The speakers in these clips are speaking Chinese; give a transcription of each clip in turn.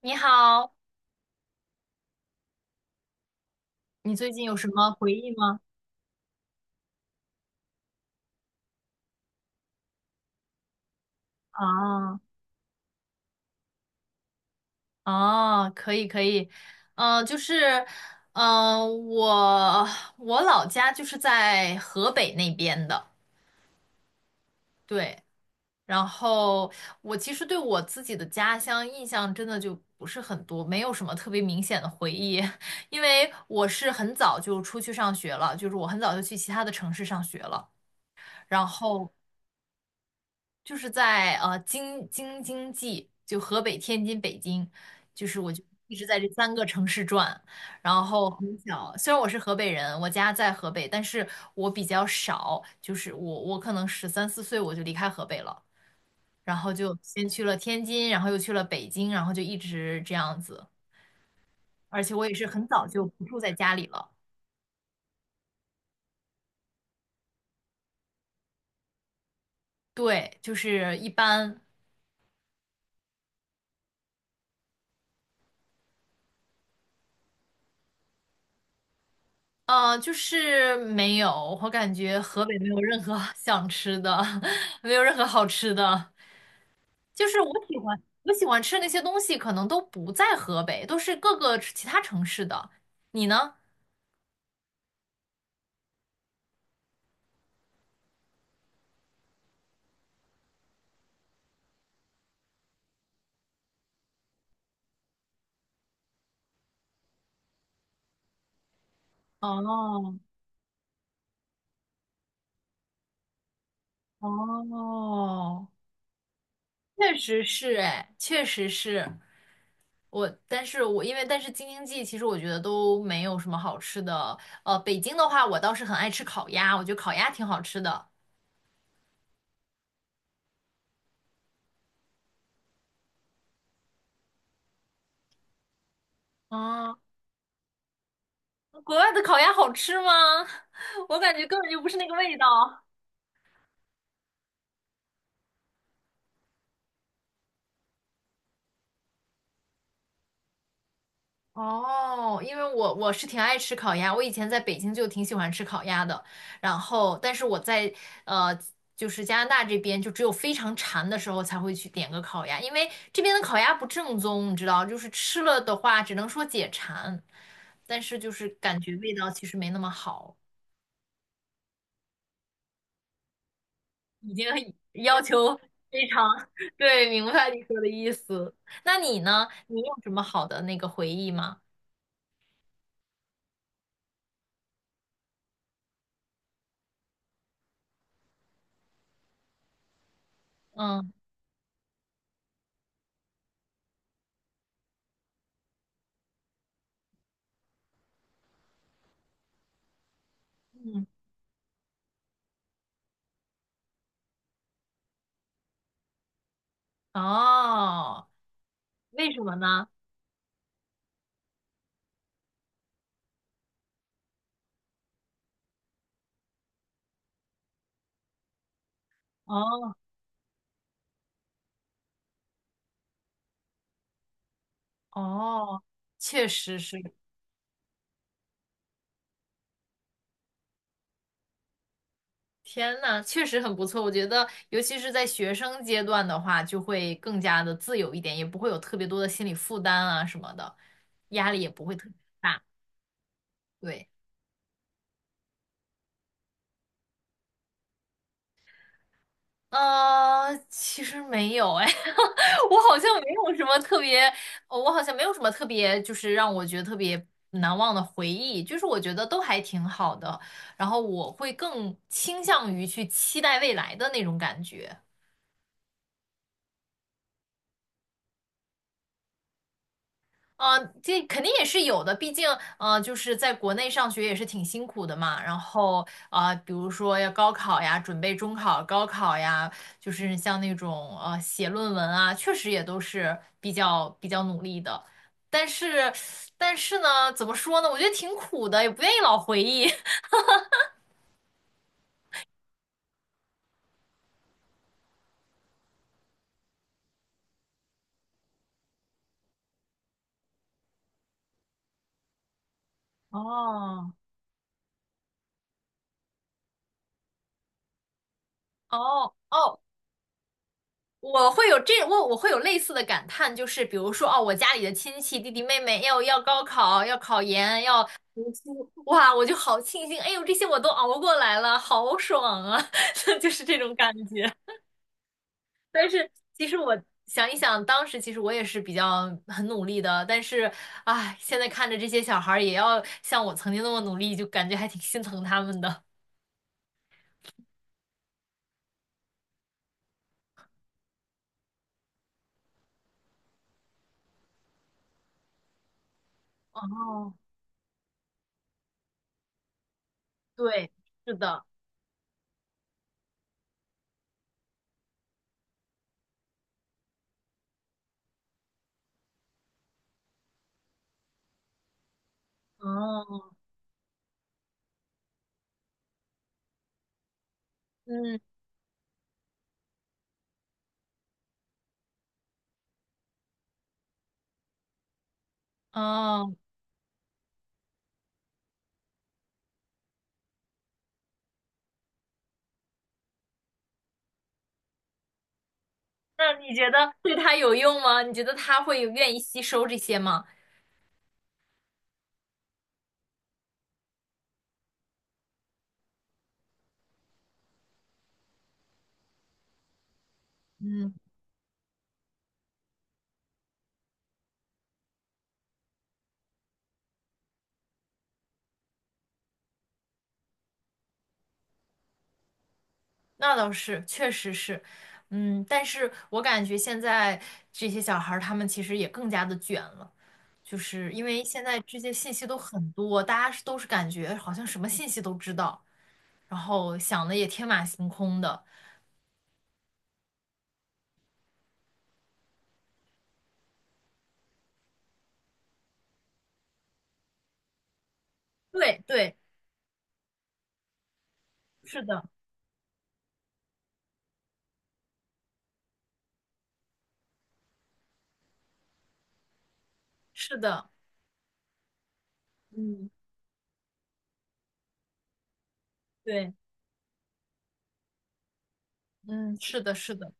你好，你最近有什么回忆吗？啊啊，可以可以，就是，嗯、我我老家就是在河北那边的，对，然后我其实对我自己的家乡印象真的就不是很多，没有什么特别明显的回忆，因为我是很早就出去上学了，就是我很早就去其他的城市上学了，然后就是在京津冀，就河北、天津、北京，就是我就一直在这三个城市转。然后很小，虽然我是河北人，我家在河北，但是我比较少，就是我可能十三四岁我就离开河北了，然后就先去了天津，然后又去了北京，然后就一直这样子。而且我也是很早就不住在家里了，对，就是一般就是没有，我感觉河北没有任何 想吃的，没有任何好吃的。就是我喜欢吃的那些东西，可能都不在河北，都是各个其他城市的。你呢？哦哦，确实是，哎，确实是我，但是我因为但是京津冀，其实我觉得都没有什么好吃的。北京的话，我倒是很爱吃烤鸭，我觉得烤鸭挺好吃的。哦，国外的烤鸭好吃吗？我感觉根本就不是那个味道。哦，因为我是挺爱吃烤鸭，我以前在北京就挺喜欢吃烤鸭的，然后但是我在呃就是加拿大这边就只有非常馋的时候才会去点个烤鸭，因为这边的烤鸭不正宗，你知道，就是吃了的话只能说解馋，但是就是感觉味道其实没那么好。已经很要求非常 对，明白你说的意思。那你呢？你有什么好的那个回忆吗？嗯嗯，哦，为什么呢？哦哦，确实是，天呐，确实很不错。我觉得，尤其是在学生阶段的话，就会更加的自由一点，也不会有特别多的心理负担啊什么的，压力也不会特别。对。其实没有哎，我好像没有什么特别，呃我好像没有什么特别，就是让我觉得特别难忘的回忆，就是我觉得都还挺好的，然后我会更倾向于去期待未来的那种感觉。啊，这肯定也是有的，毕竟，就是在国内上学也是挺辛苦的嘛。然后，比如说要高考呀，准备中考、高考呀，就是像那种写论文啊，确实也都是比较努力的。但是，但是呢，怎么说呢？我觉得挺苦的，也不愿意老回忆。哦，哦哦，我会有类似的感叹，就是比如说哦，我家里的亲戚弟弟妹妹要高考，要考研，要读书，哇，我就好庆幸，哎呦，这些我都熬过来了，好爽啊，就是这种感觉。但是其实我想一想，当时其实我也是比较很努力的，但是唉，现在看着这些小孩儿也要像我曾经那么努力，就感觉还挺心疼他们的。哦，对，是的，哦，嗯，哦。那你觉得对他有用吗？你觉得他会有愿意吸收这些吗？嗯，那倒是，确实是，嗯，但是我感觉现在这些小孩儿他们其实也更加的卷了，就是因为现在这些信息都很多，大家是都是感觉好像什么信息都知道，然后想的也天马行空的。对对，是的，是的，嗯，对，嗯，是的，是的。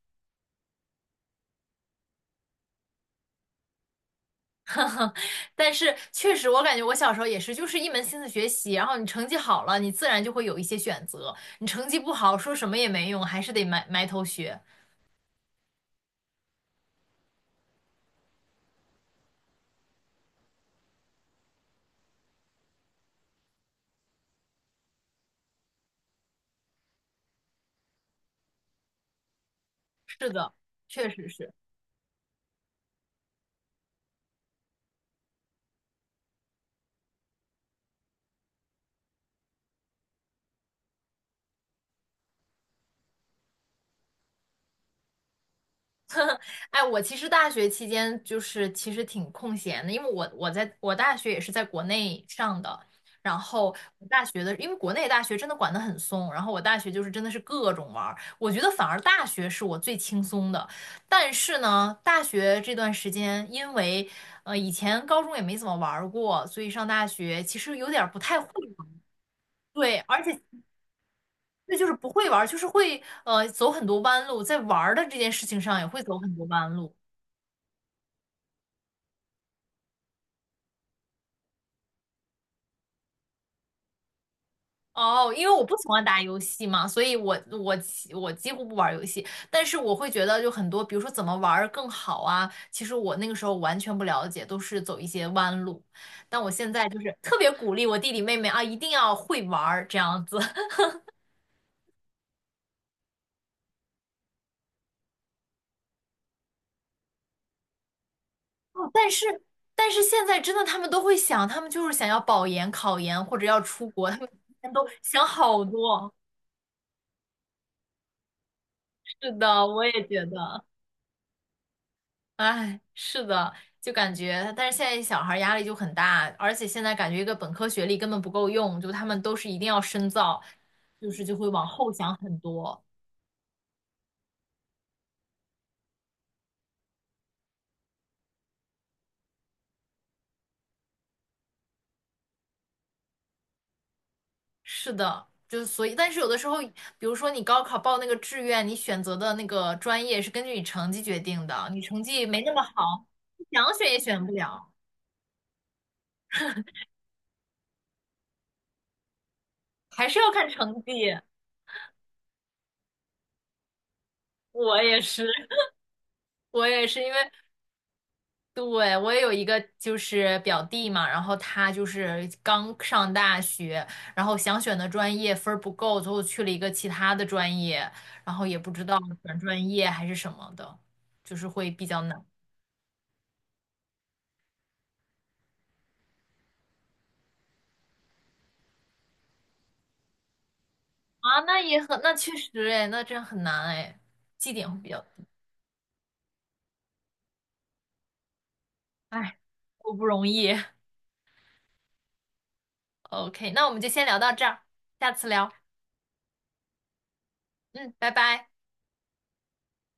但是确实，我感觉我小时候也是，就是一门心思学习，然后你成绩好了，你自然就会有一些选择；你成绩不好，说什么也没用，还是得埋头学。是的，确实是。哎，我其实大学期间就是其实挺空闲的，因为我在我大学也是在国内上的，然后我大学的，因为国内大学真的管得很松，然后我大学就是真的是各种玩儿，我觉得反而大学是我最轻松的，但是呢，大学这段时间因为以前高中也没怎么玩儿过，所以上大学其实有点儿不太会玩儿。对，而且这就是不会玩儿，就是会走很多弯路，在玩儿的这件事情上也会走很多弯路。哦，因为我不喜欢打游戏嘛，所以我几乎不玩游戏，但是我会觉得就很多，比如说怎么玩儿更好啊，其实我那个时候完全不了解，都是走一些弯路，但我现在就是特别鼓励我弟弟妹妹啊，一定要会玩儿这样子。哦，但是现在真的他们都会想，他们就是想要保研、考研或者要出国，他们都想好多。是的，我也觉得。哎，是的，就感觉，但是现在小孩儿压力就很大，而且现在感觉一个本科学历根本不够用，就他们都是一定要深造，就是就会往后想很多。是的，就是所以，但是有的时候，比如说你高考报那个志愿，你选择的那个专业是根据你成绩决定的，你成绩没那么好，你想选也选不了，还是要看成绩。我也是，我也是，因为对，我也有一个就是表弟嘛，然后他就是刚上大学，然后想选的专业分儿不够，最后去了一个其他的专业，然后也不知道转专业还是什么的，就是会比较难啊。那也很，那确实哎，那真很难哎，绩点会比较低，哎，都不容易。OK，那我们就先聊到这儿，下次聊，嗯，拜拜。